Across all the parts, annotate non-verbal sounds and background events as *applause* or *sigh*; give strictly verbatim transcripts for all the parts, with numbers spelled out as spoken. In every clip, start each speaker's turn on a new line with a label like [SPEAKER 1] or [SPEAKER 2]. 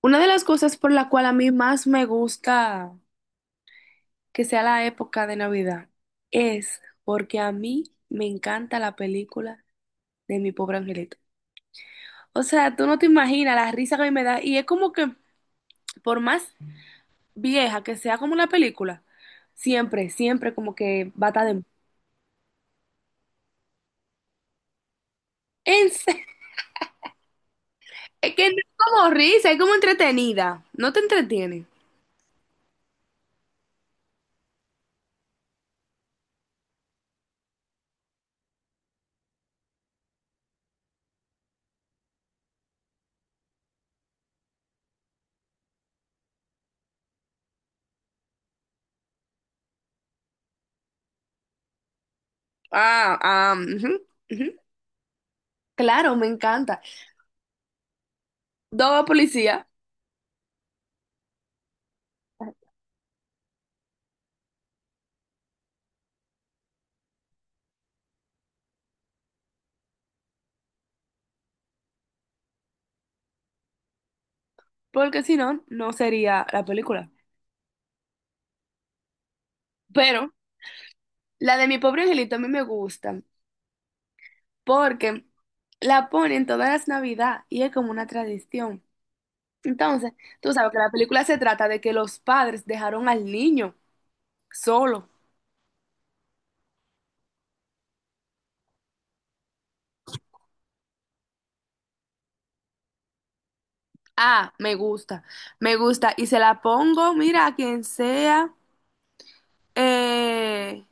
[SPEAKER 1] Una de las cosas por la cual a mí más me gusta que sea la época de Navidad es porque a mí me encanta la película de Mi Pobre Angelito. O sea, tú no te imaginas la risa que a mí me da y es como que por más vieja que sea como la película, siempre, siempre como que va a estar de... En serio, es que no es como risa, es como entretenida, no te entretiene. Ah, ah, ujú, ujú. Claro, me encanta. Dos policías, porque si no, no sería la película. Pero la de mi pobre angelito a mí me gusta porque la ponen todas las Navidad y es como una tradición. Entonces, tú sabes que la película se trata de que los padres dejaron al niño solo. Ah, me gusta, me gusta. Y se la pongo, mira, a quien sea. eh,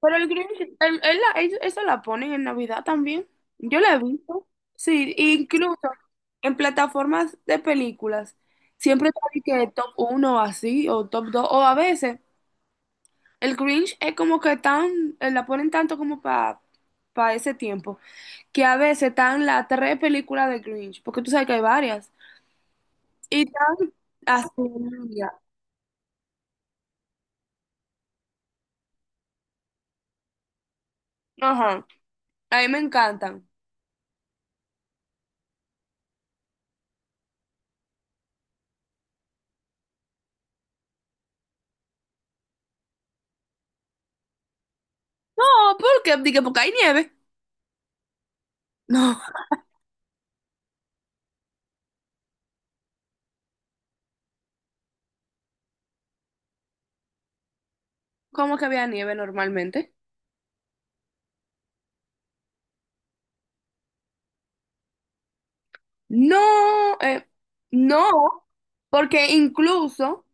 [SPEAKER 1] Pero el Grinch, el- él la- ellos- eso la ponen en Navidad también. Yo la he visto. Sí, incluso en plataformas de películas. Siempre está de que top uno o así, o top dos o a veces el Grinch es como que tan, eh, la ponen tanto como para ese tiempo, que a veces están las tres películas de Grinch, porque tú sabes que hay varias. Y están así, ya. Ajá, a mí me encantan. No, ¿por qué? Dije, porque hay nieve. *laughs* No, ¿cómo que había nieve normalmente? No, eh, no, porque incluso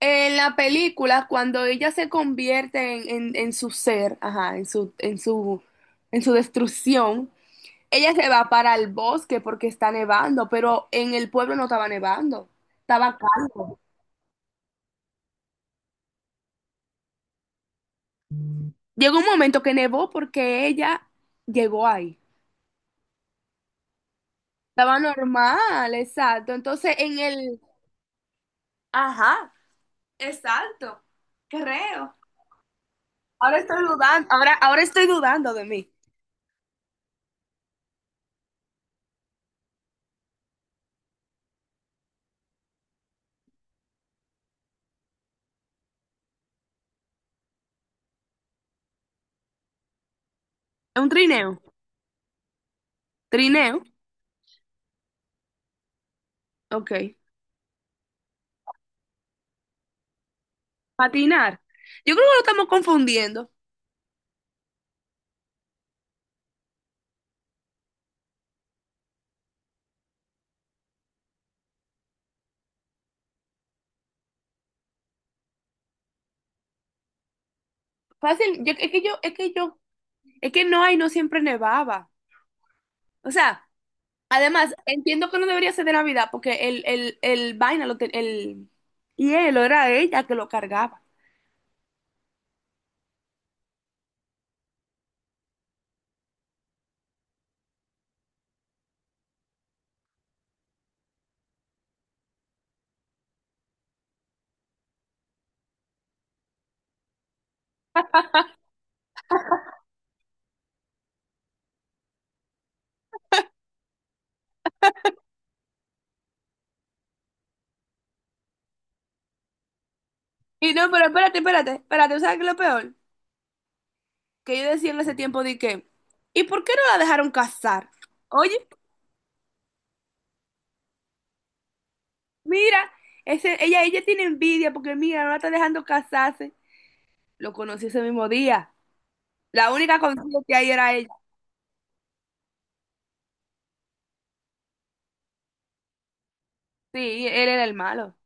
[SPEAKER 1] en la película, cuando ella se convierte en, en- en su ser, ajá, en su, en su, en su destrucción, ella se va para el bosque porque está nevando, pero en el pueblo no estaba nevando, estaba calmo. Llegó un momento que nevó porque ella llegó ahí. Estaba normal, exacto. Entonces en el... Ajá, exacto, creo. Ahora estoy dudando, ahora, ahora estoy dudando de mí. Es un trineo. Trineo, ok. Patinar. Yo creo que lo estamos confundiendo. Fácil, yo- es que yo, es que yo, es que no hay, no siempre nevaba. O sea, además, entiendo que no debería ser de Navidad porque el, el, el vaina, lo te- el hielo era ella que lo cargaba. Y no, pero espérate, espérate, espérate, ¿sabes qué es lo peor? Que yo decía en ese tiempo de que, ¿y por qué no la dejaron casar? Oye. Mira, ese, ella, ella tiene envidia porque mira, no la está dejando casarse. Lo conocí ese mismo día. La única consigo que hay era ella. Sí, él era el malo.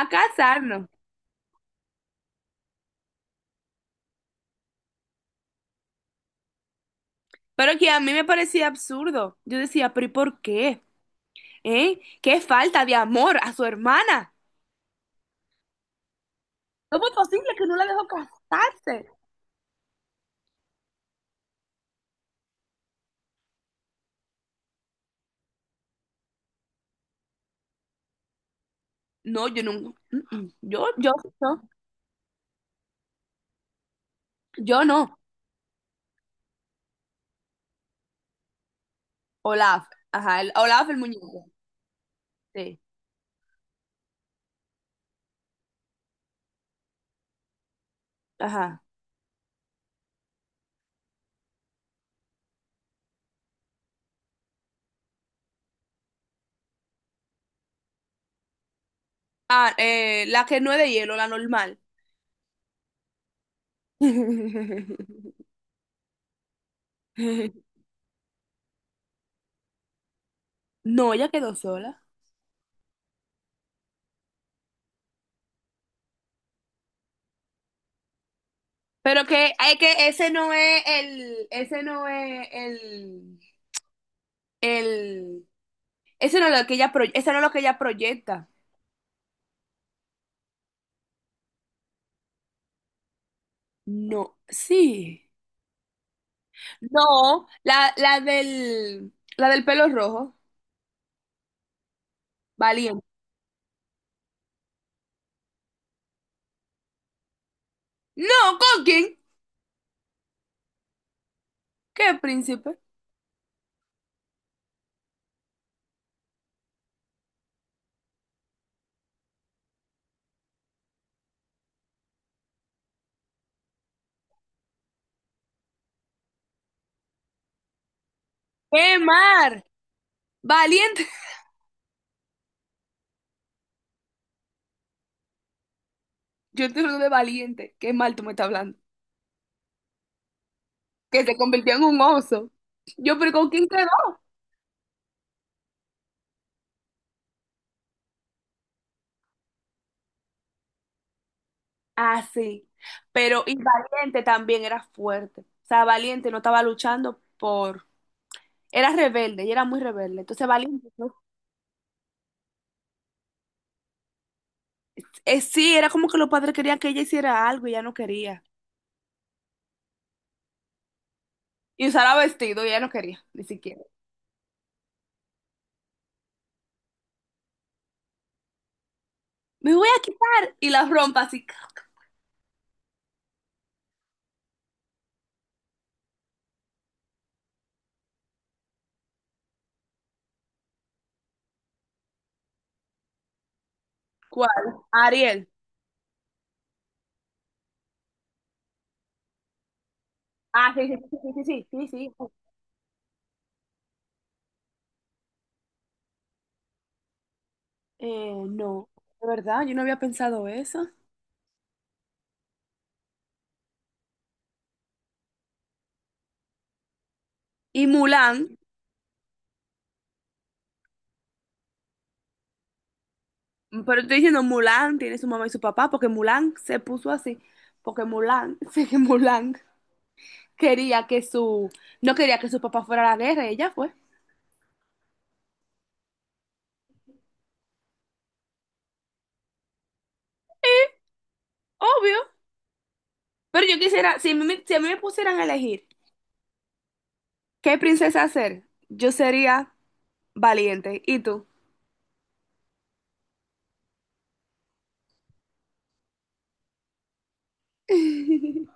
[SPEAKER 1] A casarnos. Pero que a mí me parecía absurdo. Yo decía, pero ¿y por qué? ¿Eh? ¿Qué falta de amor a su hermana? ¿Cómo es posible que no la dejó casarse? No, yo nunca. Mm, mm. Yo, yo, no. Yo no. Olaf. Ajá, el, Olaf el muñeco. Sí. Ajá. Ah, eh, la que no es de hielo, la normal. *laughs* No, ella quedó sola. Pero que, hay que ese no es el, ese no es el, el, ese no es lo que ella, pro- ese no es lo que ella proyecta. No, sí. No, la, la del, la del pelo rojo, valiente. No, ¿con quién? ¿Qué príncipe? ¡Qué mar! Valiente. *laughs* Yo te hablo de valiente. Qué mal tú me estás hablando. Que se convirtió en un oso. Yo, pero ¿con quién quedó? Ah, sí. Pero y Valiente también era fuerte. O sea, Valiente no estaba luchando por... Era rebelde, ella era muy rebelde. Entonces Valiente, ¿no? Eh, sí, era como que los padres querían que ella hiciera algo y ella no quería. Y usara vestido y ella no quería, ni siquiera. Me voy a quitar y la rompa así. ¿Cuál? Ariel. Ah, sí, sí, sí, sí, sí, sí, sí. sí. Eh, no, de verdad, yo no había pensado eso. Y Mulan. Pero estoy diciendo Mulan tiene su mamá y su papá, porque Mulan se puso así, porque Mulan, *laughs* sé que Mulan quería que su, no quería que su papá fuera a la guerra, y ella fue. Obvio. Pero yo quisiera, si a mí, me- si a mí me pusieran a elegir qué princesa ser, yo sería valiente. ¿Y tú? *laughs*